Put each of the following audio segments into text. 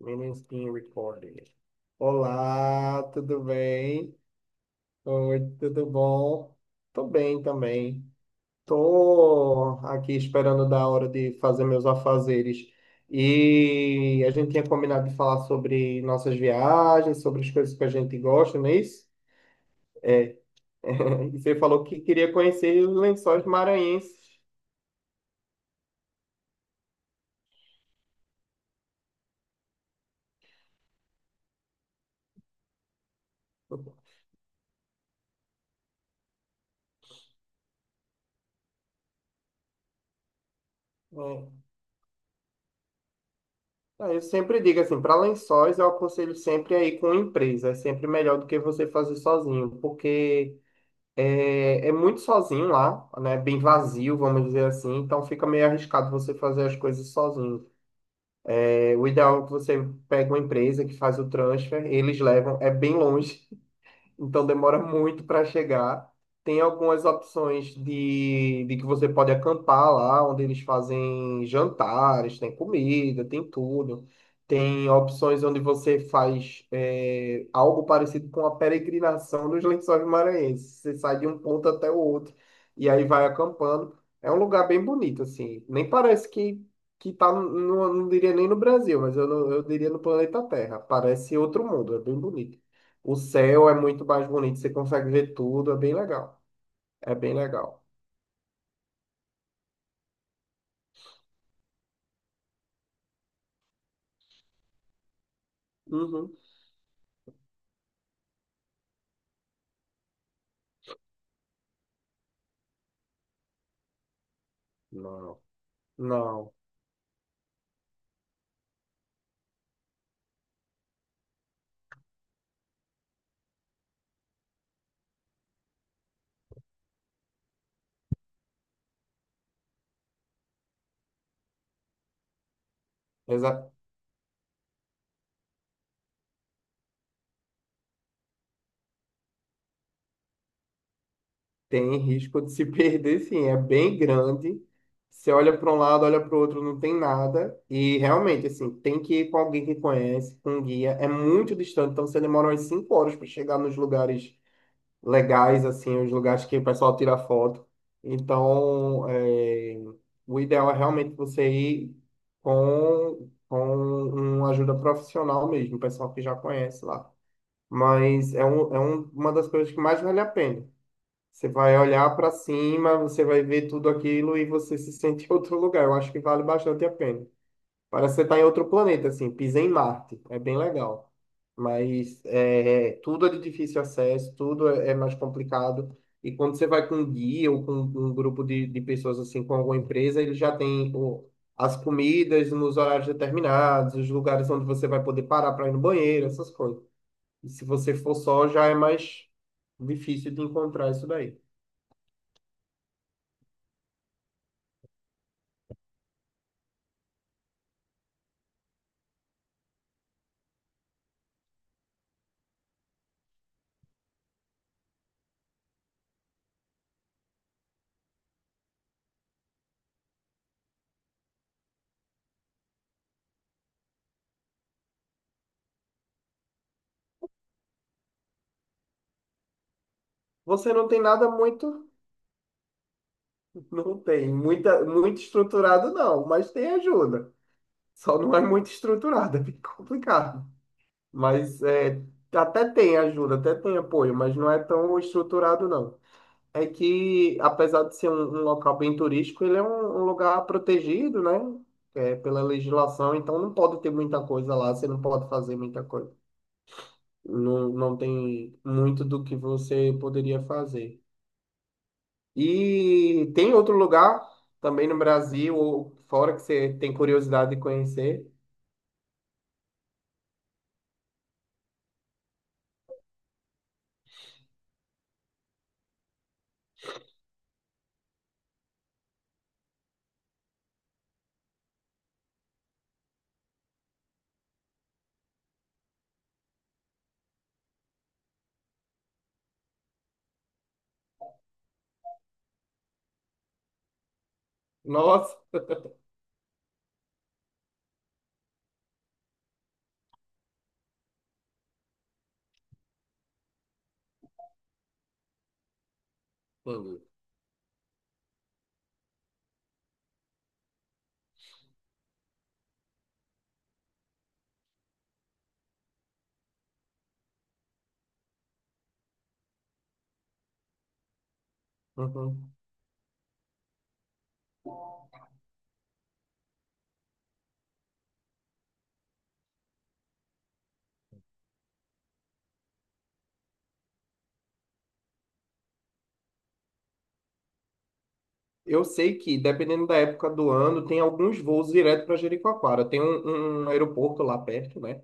Meetings being recorded. Olá, tudo bem? Oi, tudo bom? Tô bem também. Tô aqui esperando da hora de fazer meus afazeres. E a gente tinha combinado de falar sobre nossas viagens, sobre as coisas que a gente gosta, não é isso? É. E você falou que queria conhecer os lençóis maranhenses. É. Eu sempre digo assim, para lençóis eu aconselho sempre a ir com empresa, é sempre melhor do que você fazer sozinho, porque é muito sozinho lá, né? Bem vazio, vamos dizer assim. Então fica meio arriscado você fazer as coisas sozinho. O ideal é que você pegue uma empresa que faz o transfer, eles levam. É bem longe, então demora muito para chegar. Tem algumas opções de que você pode acampar lá, onde eles fazem jantares, tem comida, tem tudo. Tem opções onde você faz algo parecido com a peregrinação dos Lençóis Maranhenses. Você sai de um ponto até o outro e aí vai acampando. É um lugar bem bonito, assim. Nem parece que tá, não diria nem no Brasil, mas eu diria no planeta Terra. Parece outro mundo, é bem bonito. O céu é muito mais bonito, você consegue ver tudo, é bem legal. É bem legal. Uhum. Não, não. Exa- Tem risco de se perder, sim. É bem grande. Você olha para um lado, olha para o outro, não tem nada. E realmente, assim, tem que ir com alguém que conhece, com um guia. É muito distante, então você demora umas 5 horas para chegar nos lugares legais, assim, os lugares que o pessoal tira foto. Então, é, o ideal é realmente você ir com uma ajuda profissional mesmo, o pessoal que já conhece lá. É uma das coisas que mais vale a pena. Você vai olhar para cima, você vai ver tudo aquilo e você se sente em outro lugar. Eu acho que vale bastante a pena. Parece que você tá em outro planeta, assim, pisa em Marte. É bem legal. Tudo é de difícil acesso, é mais complicado. E quando você vai com um guia ou com um grupo de pessoas, assim, com alguma empresa, ele já tem as comidas nos horários determinados, os lugares onde você vai poder parar para ir no banheiro, essas coisas. E se você for só, já é mais difícil de encontrar isso daí. Você não tem nada muito, Não tem muito estruturado, não, mas tem ajuda. Só não é muito estruturada, é bem complicado. Mas é, até tem ajuda, até tem apoio, mas não é tão estruturado, não. É que, apesar de ser um local bem turístico, um lugar protegido, né? Pela legislação, então não pode ter muita coisa lá, você não pode fazer muita coisa. Não, não tem muito do que você poderia fazer. E tem outro lugar também no Brasil ou fora que você tem curiosidade de conhecer? Nossa! Uhum. Eu sei que, dependendo da época do ano, tem alguns voos direto para Jericoacoara. Tem um aeroporto lá perto, né?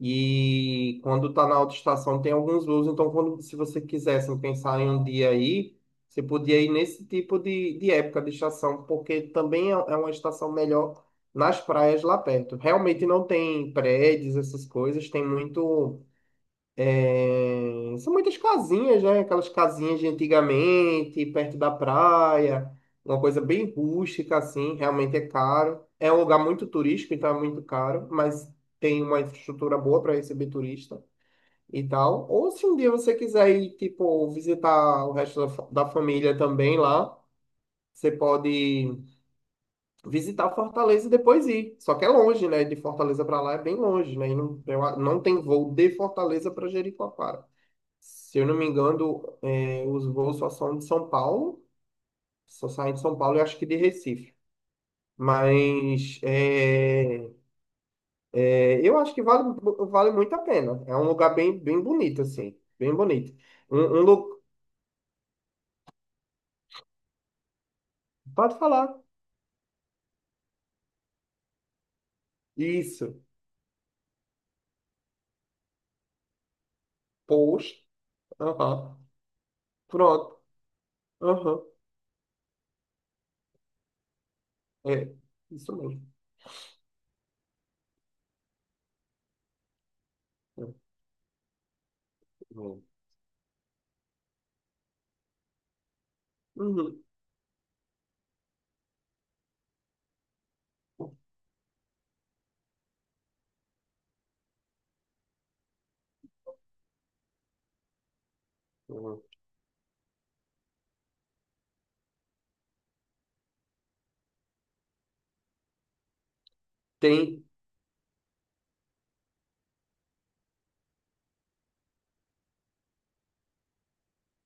E quando tá na autoestação, tem alguns voos. Então, quando, se você quisesse pensar em um dia aí, você podia ir nesse tipo de época de estação, porque também é uma estação melhor nas praias lá perto. Realmente não tem prédios, essas coisas, tem muito. São muitas casinhas, né? Aquelas casinhas de antigamente, perto da praia, uma coisa bem rústica, assim, realmente é caro. É um lugar muito turístico, então é muito caro, mas tem uma infraestrutura boa para receber turista e tal. Ou se um dia você quiser ir, tipo, visitar o resto da, da família também lá, você pode visitar Fortaleza e depois ir. Só que é longe, né? De Fortaleza para lá é bem longe, né? E não, não tem voo de Fortaleza para Jericoacoara. Se eu não me engano, os voos só são de São Paulo, só saem de São Paulo e acho que de Recife. Mas é, eu acho que vale muito a pena. É um lugar bem, bem bonito, assim. Bem bonito. Um, um lu- Pode falar. Isso. Poxa. Aham. Pronto. Aham. É. Isso mesmo. É, é. Uhum. Uhum. Tem,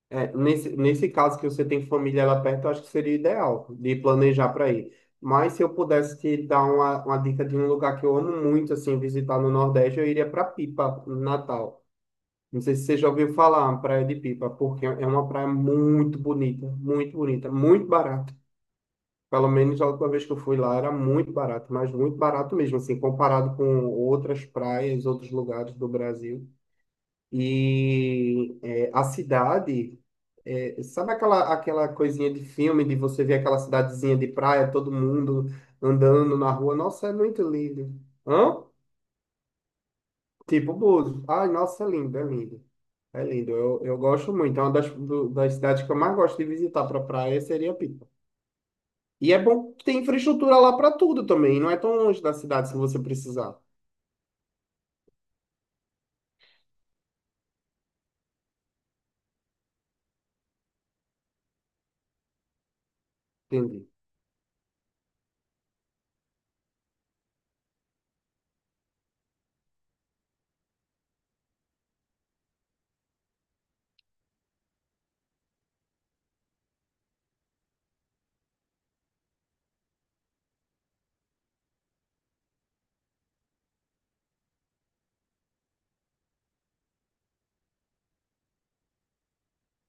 É, nesse caso que você tem família lá perto, eu acho que seria ideal de planejar para ir. Mas se eu pudesse te dar uma dica de um lugar que eu amo muito, assim, visitar no Nordeste, eu iria para Pipa, no Natal. Não sei se você já ouviu falar, Praia de Pipa, porque é uma praia muito bonita, muito bonita, muito barata. Pelo menos a última vez que eu fui lá era muito barato, mas muito barato mesmo, assim, comparado com outras praias, outros lugares do Brasil. E é, a cidade, sabe aquela coisinha de filme de você ver aquela cidadezinha de praia, todo mundo andando na rua? Nossa, é muito lindo. Hã? Tipo Búzios. Ai, nossa, é lindo, é lindo. É lindo, eu gosto muito. É uma das cidades que eu mais gosto de visitar para praia seria Pipa. E é bom que tem infraestrutura lá para tudo também, não é tão longe da cidade se você precisar. Entendi.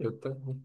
Eu também.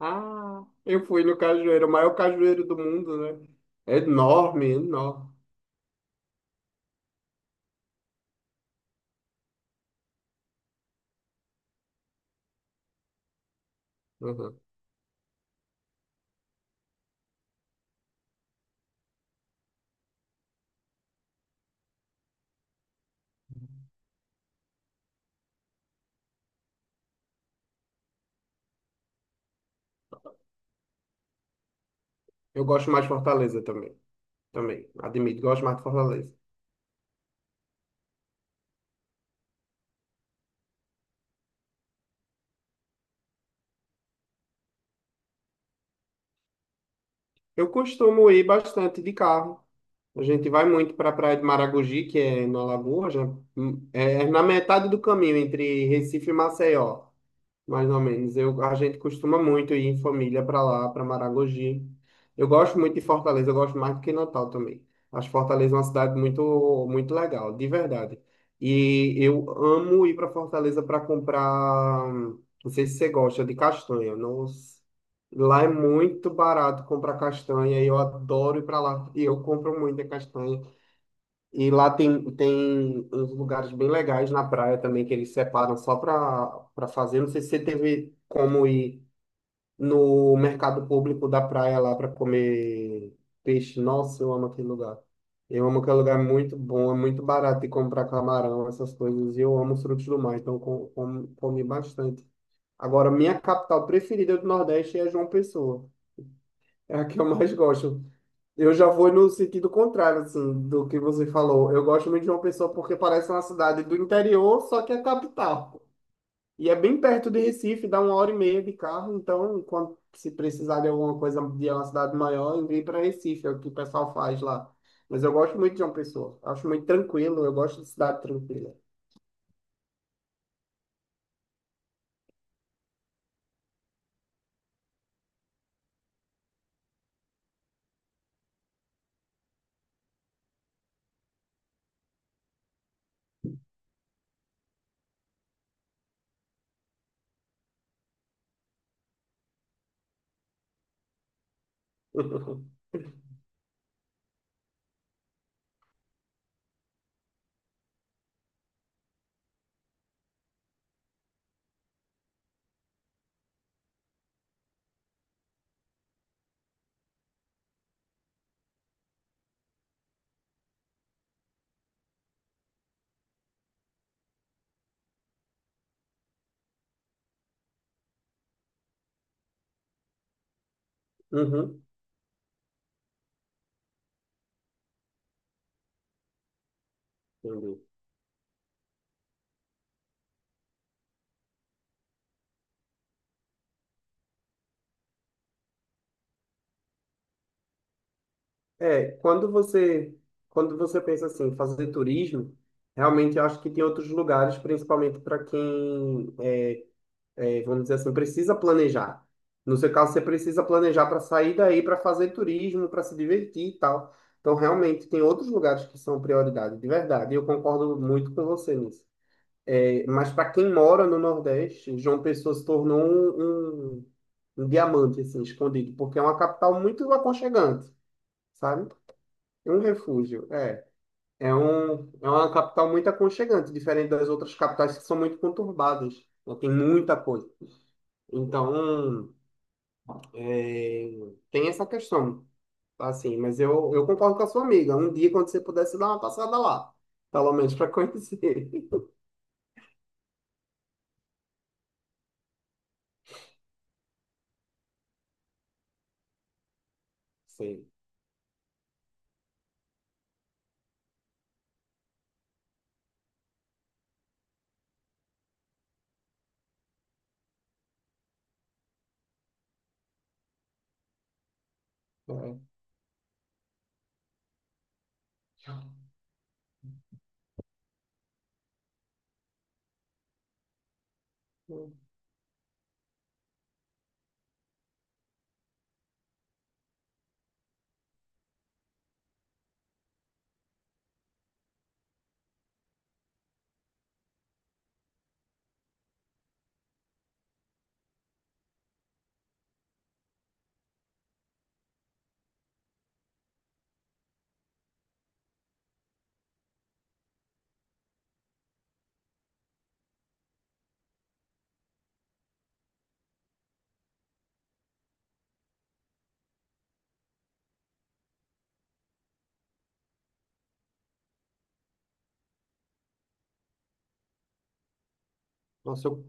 Ah, eu fui no cajueiro, o maior cajueiro do mundo, né? É enorme, enorme. Uhum. Eu gosto mais de Fortaleza também. Também, admito, gosto mais de Fortaleza. Eu costumo ir bastante de carro. A gente vai muito para a Praia de Maragogi, que é na Lagoa, já, é na metade do caminho entre Recife e Maceió, mais ou menos. A gente costuma muito ir em família para lá, para Maragogi. Eu gosto muito de Fortaleza, eu gosto mais do que Natal também. Acho Fortaleza uma cidade muito, muito legal, de verdade. E eu amo ir para Fortaleza para comprar. Não sei se você gosta de castanha. Nossa. Lá é muito barato comprar castanha e eu adoro ir para lá. E eu compro muita castanha. E lá tem uns lugares bem legais na praia também que eles separam só para fazer. Não sei se você teve como ir no mercado público da praia lá para comer peixe. Nossa, eu amo aquele lugar. Eu amo aquele lugar, é muito bom, é muito barato de comprar camarão, essas coisas. E eu amo os frutos do mar, então comi bastante. Agora, minha capital preferida do Nordeste é João Pessoa. É a que eu mais gosto. Eu já vou no sentido contrário, assim, do que você falou. Eu gosto muito de uma Pessoa porque parece uma cidade do interior, só que é capital. E é bem perto de Recife, dá 1 hora e meia de carro. Então, quando se precisar de alguma coisa de uma cidade maior, eu para Recife, é o que o pessoal faz lá. Mas eu gosto muito de uma Pessoa. Acho muito tranquilo, eu gosto de cidade tranquila. Uhum. Entendi. É, quando você pensa assim, fazer turismo, realmente eu acho que tem outros lugares, principalmente para quem vamos dizer assim, precisa planejar. No seu caso, você precisa planejar para sair daí, para fazer turismo, para se divertir e tal. Então, realmente, tem outros lugares que são prioridade, de verdade. E eu concordo muito com você nisso. É, mas para quem mora no Nordeste, João Pessoa se tornou um diamante, assim, escondido, porque é uma capital muito aconchegante, sabe? É um refúgio, é. É uma capital muito aconchegante, diferente das outras capitais que são muito conturbadas, né? Tem muita coisa. Então, É, tem essa questão, tá? Assim, mas eu concordo com a sua amiga. Um dia, quando você pudesse dar uma passada lá, pelo menos para conhecer. Sim. É. Nossa, eu,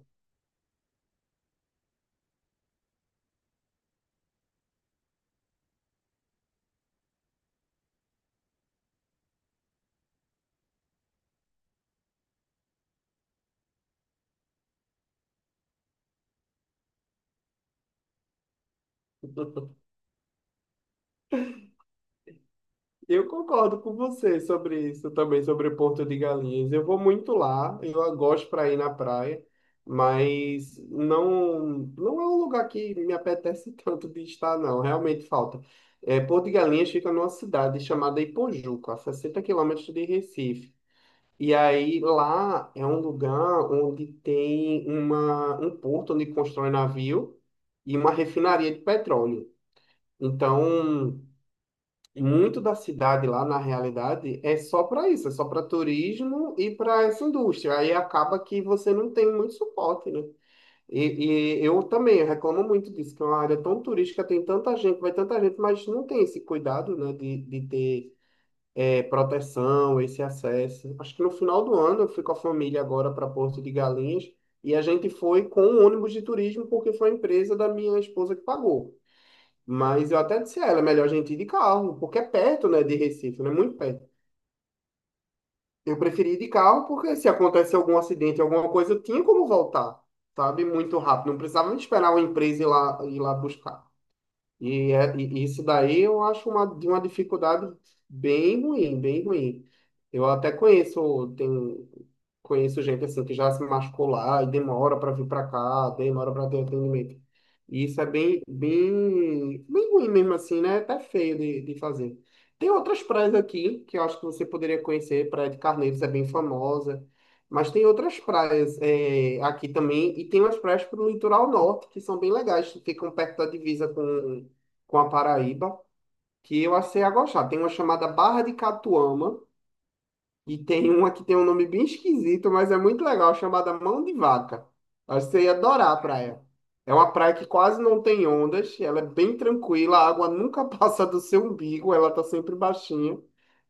eu concordo com você sobre isso também, sobre Porto de Galinhas. Eu vou muito lá, eu gosto para ir na praia, mas não é um lugar que me apetece tanto de estar, não. Realmente falta. É, Porto de Galinhas fica numa cidade chamada Ipojuca, a 60 quilômetros de Recife. E aí lá é um lugar onde tem um porto onde constrói navio e uma refinaria de petróleo. Então, muito da cidade lá, na realidade, é só para isso, é só para turismo e para essa indústria. Aí acaba que você não tem muito suporte, né? E eu também reclamo muito disso, que é uma área tão turística, tem tanta gente, vai tanta gente, mas não tem esse cuidado, né, de ter proteção, esse acesso. Acho que no final do ano eu fui com a família agora para Porto de Galinhas e a gente foi com um ônibus de turismo porque foi a empresa da minha esposa que pagou. Mas eu até disse a ela, é melhor a gente ir de carro, porque é perto, né, de Recife, né, muito perto. Eu preferi ir de carro porque se acontece algum acidente, alguma coisa, eu tinha como voltar, sabe, muito rápido. Não precisava esperar uma empresa ir lá buscar. E isso daí eu acho uma, de uma dificuldade bem ruim, bem ruim. Eu até conheço, tem, conheço gente assim que já se machucou lá e demora para vir para cá, demora para ter atendimento. E isso é bem, bem, bem ruim mesmo assim, né? É Até feio de fazer. Tem outras praias aqui que eu acho que você poderia conhecer. Praia de Carneiros é bem famosa. Mas tem outras praias é, aqui também. E tem umas praias para o litoral norte que são bem legais, que ficam perto da divisa com a Paraíba, que eu achei a gostar. Tem uma chamada Barra de Catuama e tem uma que tem um nome bem esquisito, mas é muito legal, chamada Mão de Vaca. Acho que você ia adorar a praia. É uma praia que quase não tem ondas, ela é bem tranquila, a água nunca passa do seu umbigo, ela tá sempre baixinha.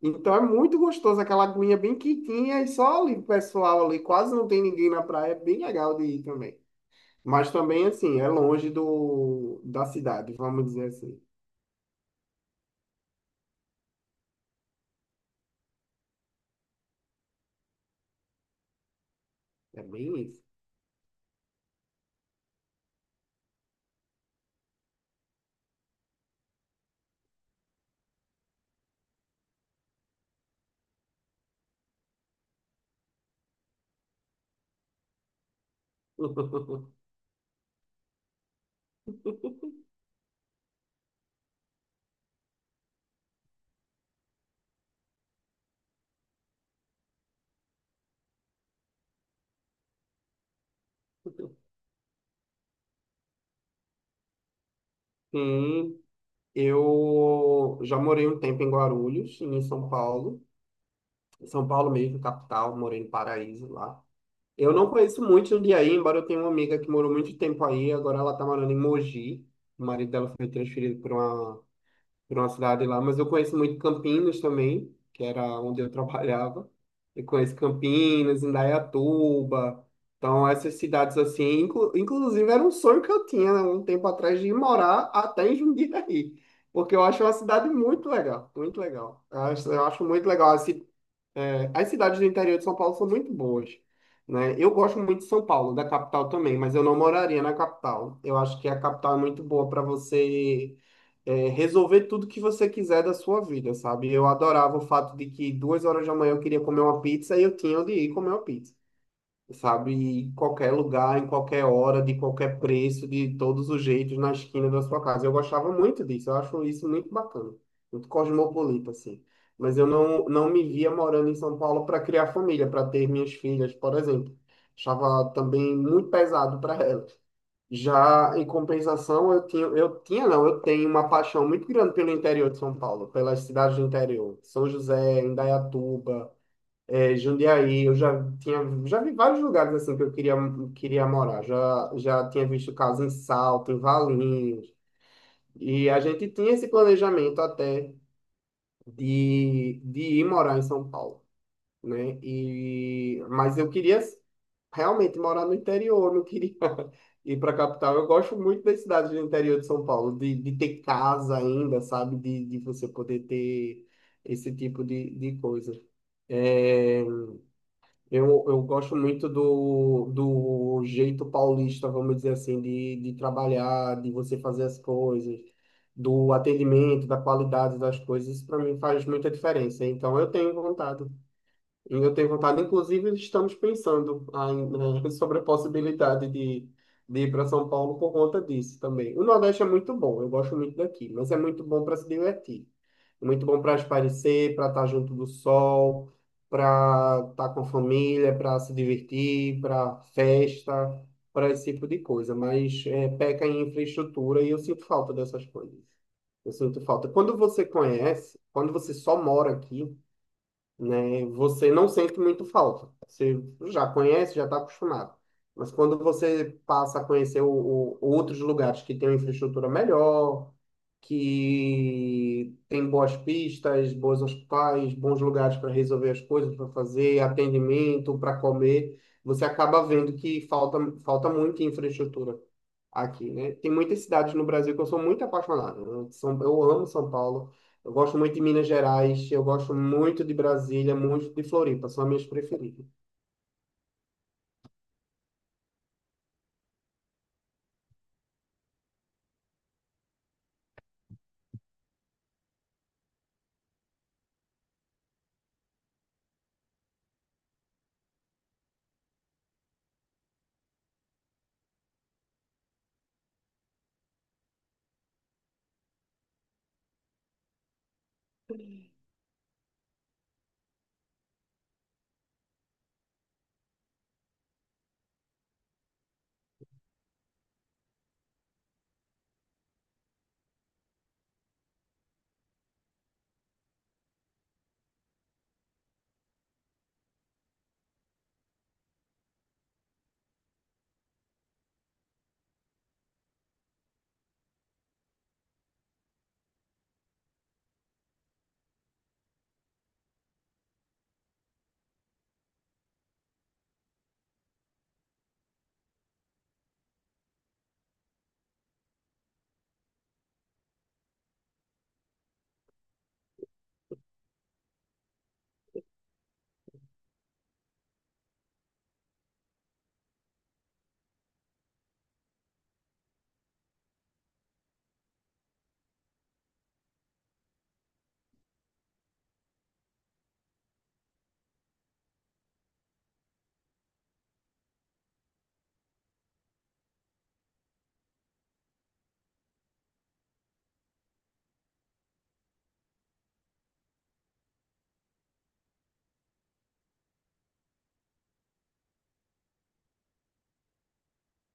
Então é muito gostoso, aquela aguinha bem quietinha e só ali o pessoal ali, quase não tem ninguém na praia, é bem legal de ir também. Mas também, assim, é longe do, da cidade, vamos dizer assim. É bem isso. Sim, eu já morei um tempo em Guarulhos, em São Paulo. São Paulo mesmo, capital, morei no Paraíso lá. Eu não conheço muito Jundiaí, embora eu tenha uma amiga que morou muito tempo aí, agora ela está morando em Mogi. O marido dela foi transferido para uma por uma cidade lá, mas eu conheço muito Campinas também, que era onde eu trabalhava. Eu conheço Campinas, Indaiatuba. Então, essas cidades assim, inclusive era um sonho que eu tinha, né, um tempo atrás de ir morar até em Jundiaí, porque eu acho uma cidade muito legal, muito legal. Eu acho muito legal. Assim, é, as cidades do interior de São Paulo são muito boas, né? Eu gosto muito de São Paulo, da capital também, mas eu não moraria na capital. Eu acho que a capital é muito boa para você é, resolver tudo que você quiser da sua vida, sabe? Eu adorava o fato de que 2 horas da manhã eu queria comer uma pizza e eu tinha onde ir comer uma pizza, sabe? Em qualquer lugar, em qualquer hora, de qualquer preço, de todos os jeitos, na esquina da sua casa. Eu gostava muito disso, eu acho isso muito bacana, muito cosmopolita, assim. Mas eu não, não me via morando em São Paulo para criar família, para ter minhas filhas, por exemplo. Achava também muito pesado para elas. Já em compensação, eu tinha, não, eu tenho uma paixão muito grande pelo interior de São Paulo, pelas cidades do interior, São José, Indaiatuba, é, Jundiaí, eu já tinha, já vi vários lugares assim que eu queria, queria morar. Já tinha visto casa em Salto, em Valinhos. E a gente tinha esse planejamento até de ir morar em São Paulo, né? E, mas eu queria realmente morar no interior, não queria ir para a capital. Eu gosto muito das cidades do interior de São Paulo, de ter casa ainda, sabe? De você poder ter esse tipo de coisa. É, eu gosto muito do, do jeito paulista, vamos dizer assim, de trabalhar, de você fazer as coisas, do atendimento, da qualidade das coisas. Isso para mim faz muita diferença. Então eu tenho vontade. E eu tenho vontade, inclusive, estamos pensando ainda sobre a possibilidade de ir para São Paulo por conta disso também. O Nordeste é muito bom, eu gosto muito daqui, mas é muito bom para se divertir. Muito bom para espairecer, para estar junto do sol, para estar com a família, para se divertir, para festa, para esse tipo de coisa. Mas é, peca em infraestrutura e eu sinto falta dessas coisas. Eu sinto falta. Quando você conhece, quando você só mora aqui, né? Você não sente muito falta. Você já conhece, já está acostumado. Mas quando você passa a conhecer outros lugares que têm uma infraestrutura melhor, que tem boas pistas, bons hospitais, bons lugares para resolver as coisas, para fazer atendimento, para comer, você acaba vendo que falta, falta muita infraestrutura aqui, né? Tem muitas cidades no Brasil que eu sou muito apaixonado. Eu amo São Paulo. Eu gosto muito de Minas Gerais, eu gosto muito de Brasília, muito de Floripa, são as minhas preferidas.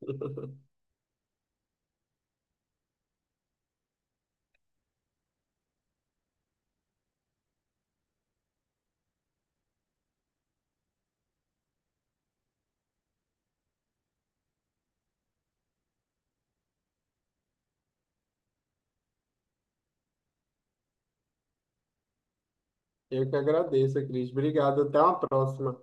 Eu que agradeço, Cris. Obrigado, até uma próxima.